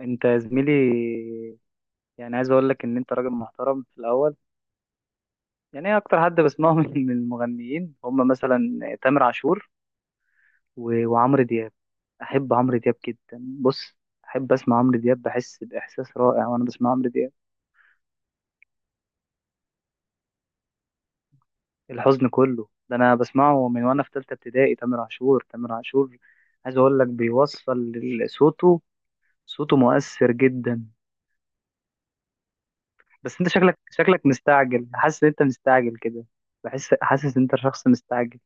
انت يا زميلي. يعني عايز اقول لك ان انت راجل محترم في الاول. يعني ايه اكتر حد بسمعه من المغنيين، هم مثلا تامر عاشور وعمرو دياب. احب عمرو دياب جدا. بص، احب اسمع عمرو دياب، بحس باحساس رائع وانا بسمع عمرو دياب. الحزن كله ده انا بسمعه من وانا في ثالثه ابتدائي، تامر عاشور، تامر عاشور. عايز اقول لك بيوصل صوته. صوته مؤثر جدا. بس انت شكلك مستعجل، حاسس ان انت مستعجل كده. بحس، حاسس ان انت شخص مستعجل.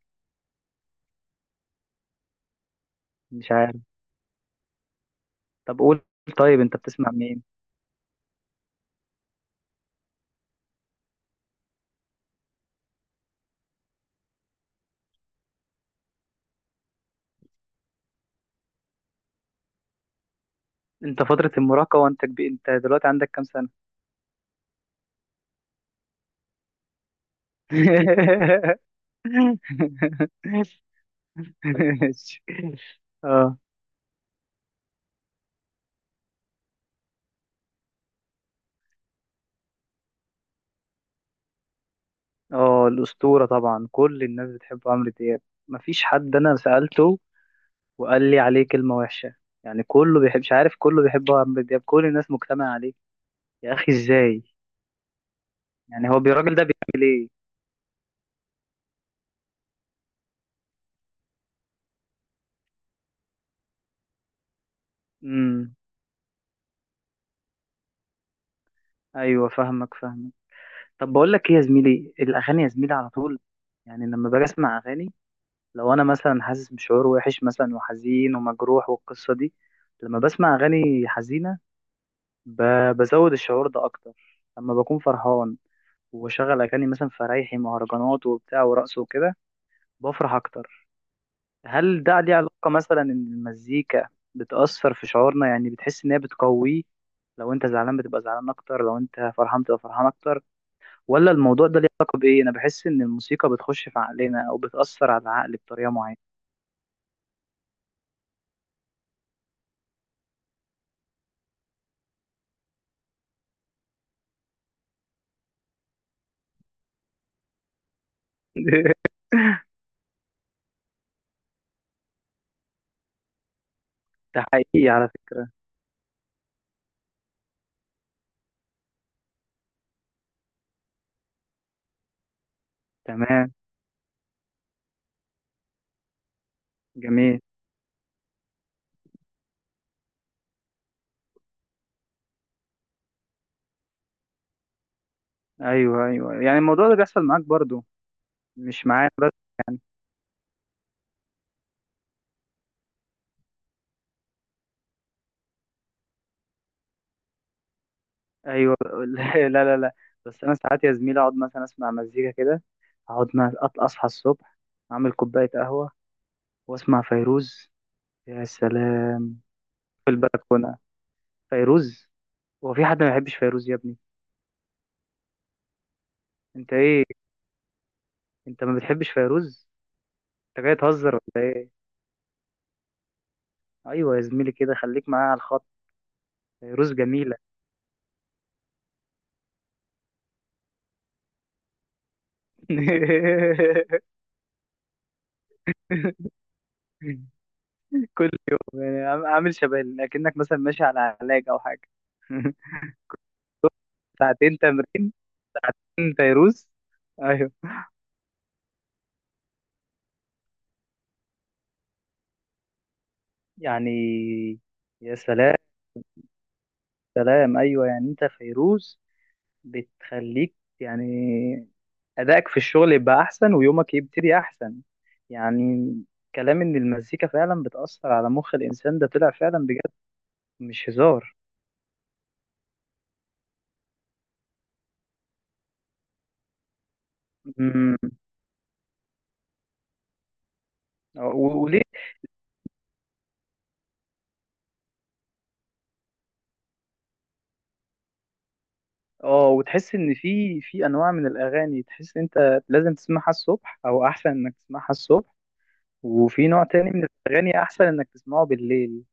مش عارف، طب قول. طيب انت بتسمع مين؟ انت فترة المراهقة وانت كبير؟ انت دلوقتي عندك كام سنة؟ اه، اه الأسطورة طبعا، كل الناس بتحب عمرو دياب. مفيش حد انا سألته وقال لي عليه كلمة وحشة. يعني كله بيحب، مش عارف، كله بيحب عمرو دياب، كل الناس مجتمعة عليه. يا أخي ازاي؟ يعني هو الراجل ده بيعمل ايه؟ امم، ايوه فاهمك. طب بقول لك ايه يا زميلي، الاغاني يا زميلي على طول. يعني لما باجي اسمع اغاني، لو انا مثلا حاسس بشعور وحش مثلا وحزين ومجروح والقصه دي، لما بسمع اغاني حزينه بزود الشعور ده اكتر. لما بكون فرحان وبشغل اغاني مثلا فرايحي مهرجانات وبتاع ورقص وكده، بفرح اكتر. هل ده ليه علاقه مثلا ان المزيكا بتاثر في شعورنا؟ يعني بتحس ان هي بتقويه، لو انت زعلان بتبقى زعلان اكتر، لو انت فرحان بتبقى فرحان اكتر؟ ولا الموضوع ده ليه علاقه بايه؟ انا بحس ان الموسيقى بتخش في عقلنا او بتاثر على العقل بطريقه معينه. ده حقيقي. على تمام. جميل. ايوه ايوه، يعني الموضوع ده بيحصل معاك برضو؟ مش معايا بس؟ ايوه. لا لا لا لا. بس انا ساعات يا زميلي اقعد مثلا اسمع مزيكا كده، اقعد اصحى الصبح، اعمل كوبايه قهوه واسمع فيروز، يا سلام، في البلكونه، فيروز. هو في حد ما بيحبش فيروز يا ابني؟ انت ايه، انت ما بتحبش فيروز؟ انت جاي تهزر ولا إيه؟ ايوه يا زميلي، كده خليك معايا على الخط. فيروز جميله. كل يوم؟ يعني عامل شبه اكنك مثلا ماشي على علاج او حاجه. ساعتين تمرين فيروز. ايوه، يعني يا سلام. سلام، ايوه يعني انت فيروز بتخليك يعني ادائك في الشغل يبقى احسن ويومك يبتدي احسن يعني. كلام ان المزيكا فعلا بتاثر على مخ الانسان ده طلع فعلا بجد، مش هزار. أمم. وليه؟ اه، وتحس ان في في انواع من الاغاني تحس إن انت لازم تسمعها الصبح او احسن انك تسمعها الصبح، وفي نوع تاني من الاغاني احسن انك تسمعه بالليل؟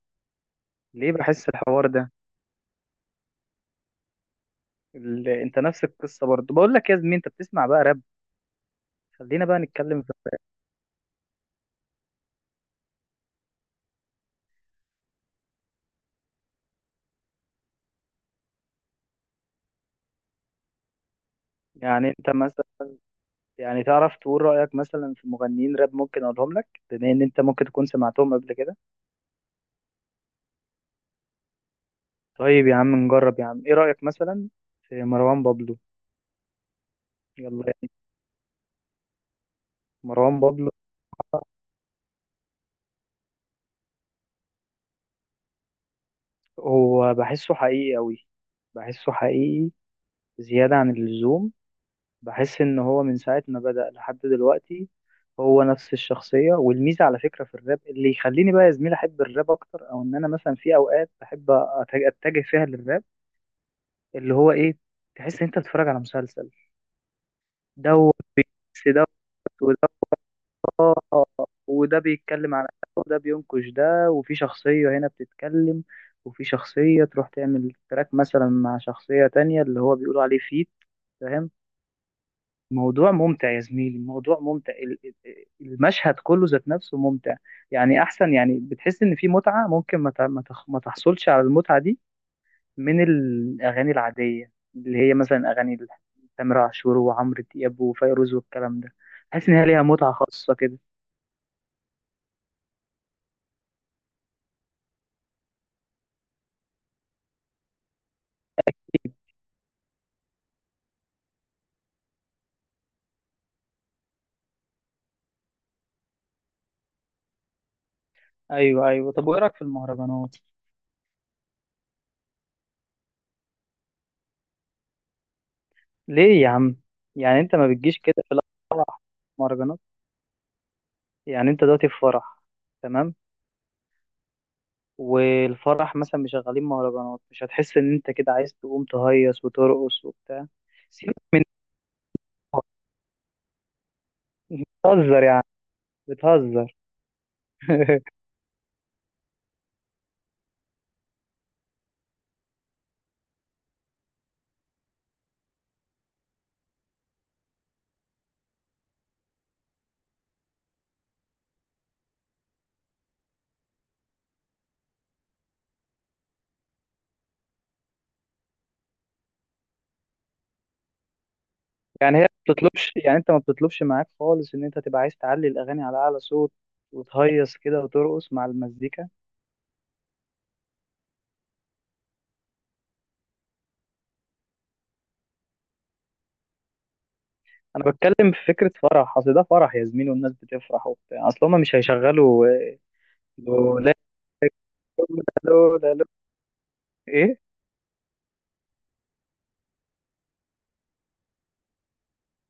ليه بحس الحوار ده؟ انت نفس القصه برضه. بقول لك يا زميلي انت بتسمع بقى راب؟ خلينا بقى نتكلم في الراب. يعني انت مثلا، يعني تعرف تقول رايك مثلا في مغنيين راب ممكن اقولهم لك بما ان انت ممكن تكون سمعتهم قبل كده؟ طيب يا عم نجرب يا عم. ايه رايك مثلا في مروان بابلو؟ يلا يعني. مروان بابلو. هو بحسه حقيقي أوي، بحسه حقيقي زيادة عن اللزوم. بحس إن هو من ساعة ما بدأ لحد دلوقتي هو نفس الشخصية. والميزة على فكرة في الراب اللي يخليني بقى يا زميلي أحب الراب أكتر، أو إن أنا مثلا في أوقات بحب أتجه فيها للراب، اللي هو إيه، تحس إن أنت بتتفرج على مسلسل. دوت، دوت، ودوت. اه، وده بيتكلم عن ده، وده بينقش ده، وفي شخصية هنا بتتكلم، وفي شخصية تروح تعمل تراك مثلا مع شخصية تانية اللي هو بيقولوا عليه فيت. فاهم؟ موضوع ممتع يا زميلي، الموضوع ممتع، المشهد كله ذات نفسه ممتع. يعني أحسن، يعني بتحس إن في متعة ممكن ما ت- ما تخ- ما تحصلش على المتعة دي من الأغاني العادية اللي هي مثلا أغاني تامر عاشور وعمرو دياب وفيروز والكلام ده. تحس إن هي ليها متعة خاصة كده. ايوه ايوه. طب وايه رايك في المهرجانات؟ ليه يا عم؟ يعني انت ما بتجيش كده في الافراح مهرجانات؟ يعني انت دلوقتي في فرح، تمام، والفرح مثلا مشغلين مهرجانات، مش هتحس ان انت كده عايز تقوم تهيص وترقص وبتاع؟ سيبك من. بتهزر يعني. بتهزر. يعني هي ما بتطلبش، يعني انت ما بتطلبش معاك خالص ان انت تبقى عايز تعلي الاغاني على اعلى صوت وتهيص كده وترقص مع المزيكا؟ انا بتكلم في فكره فرح، اصل ده فرح يا زميلي والناس بتفرح وبتاع، اصل هما مش هيشغلوا لولا. لولا ايه؟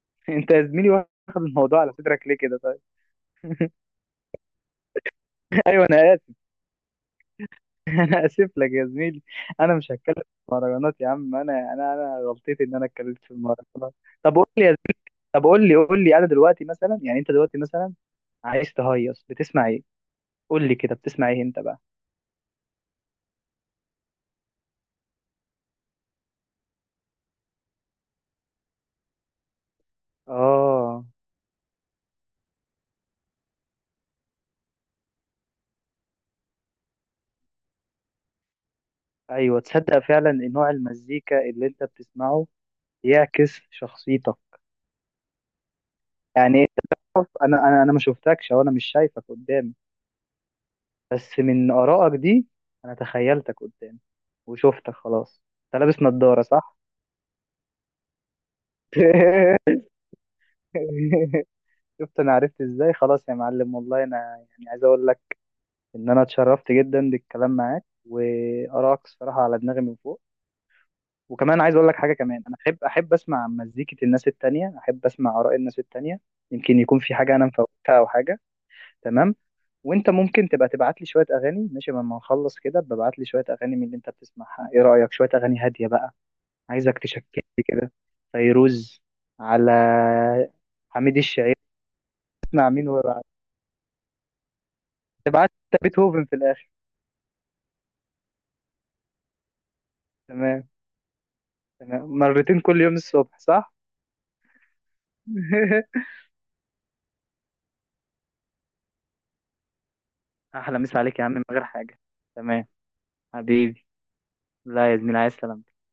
انت يا زميلي واخد الموضوع على صدرك ليه كده طيب؟ ايوه انا اسف، انا اسف لك يا زميلي. انا مش هتكلم في المهرجانات يا عم. انا غلطتي ان انا اتكلمت في المهرجانات. طب قول لي يا زميلي، طب قول لي، قول لي، انا دلوقتي مثلا، يعني انت دلوقتي مثلا عايز تهيص بتسمع ايه؟ قول لي كده بتسمع ايه انت بقى؟ اه، ايوه. تصدق فعلا ان نوع المزيكا اللي انت بتسمعه يعكس شخصيتك؟ يعني انت تعرف، انا ما شفتكش، او انا مش شايفك قدامي، بس من آرائك دي أنا تخيلتك قدامي وشفتك خلاص. أنت لابس نضارة صح؟ شفت، أنا عرفت إزاي؟ خلاص يا معلم، والله أنا يعني عايز أقول لك إن أنا اتشرفت جدا بالكلام معاك، وآرائك الصراحة على دماغي من فوق. وكمان عايز أقول لك حاجة كمان، أنا أحب أسمع مزيكة الناس التانية، أحب أسمع آراء الناس التانية، يمكن يكون في حاجة أنا مفوتها أو حاجة. تمام. وانت ممكن تبقى تبعت لي شويه اغاني، ماشي؟ لما نخلص كده ببعت لي شويه اغاني من اللي انت بتسمعها، ايه رايك؟ شويه اغاني هاديه بقى. عايزك تشكلي كده، فيروز، على حميد الشاعري، اسمع مين ورا؟ تبقى عارف انت بيتهوفن في الاخر. تمام، تمام، مرتين كل يوم الصبح صح. احلى مسا عليك يا عم، من غير حاجه، تمام. حبيبي. لا يا زميلي، عايز سلامتك.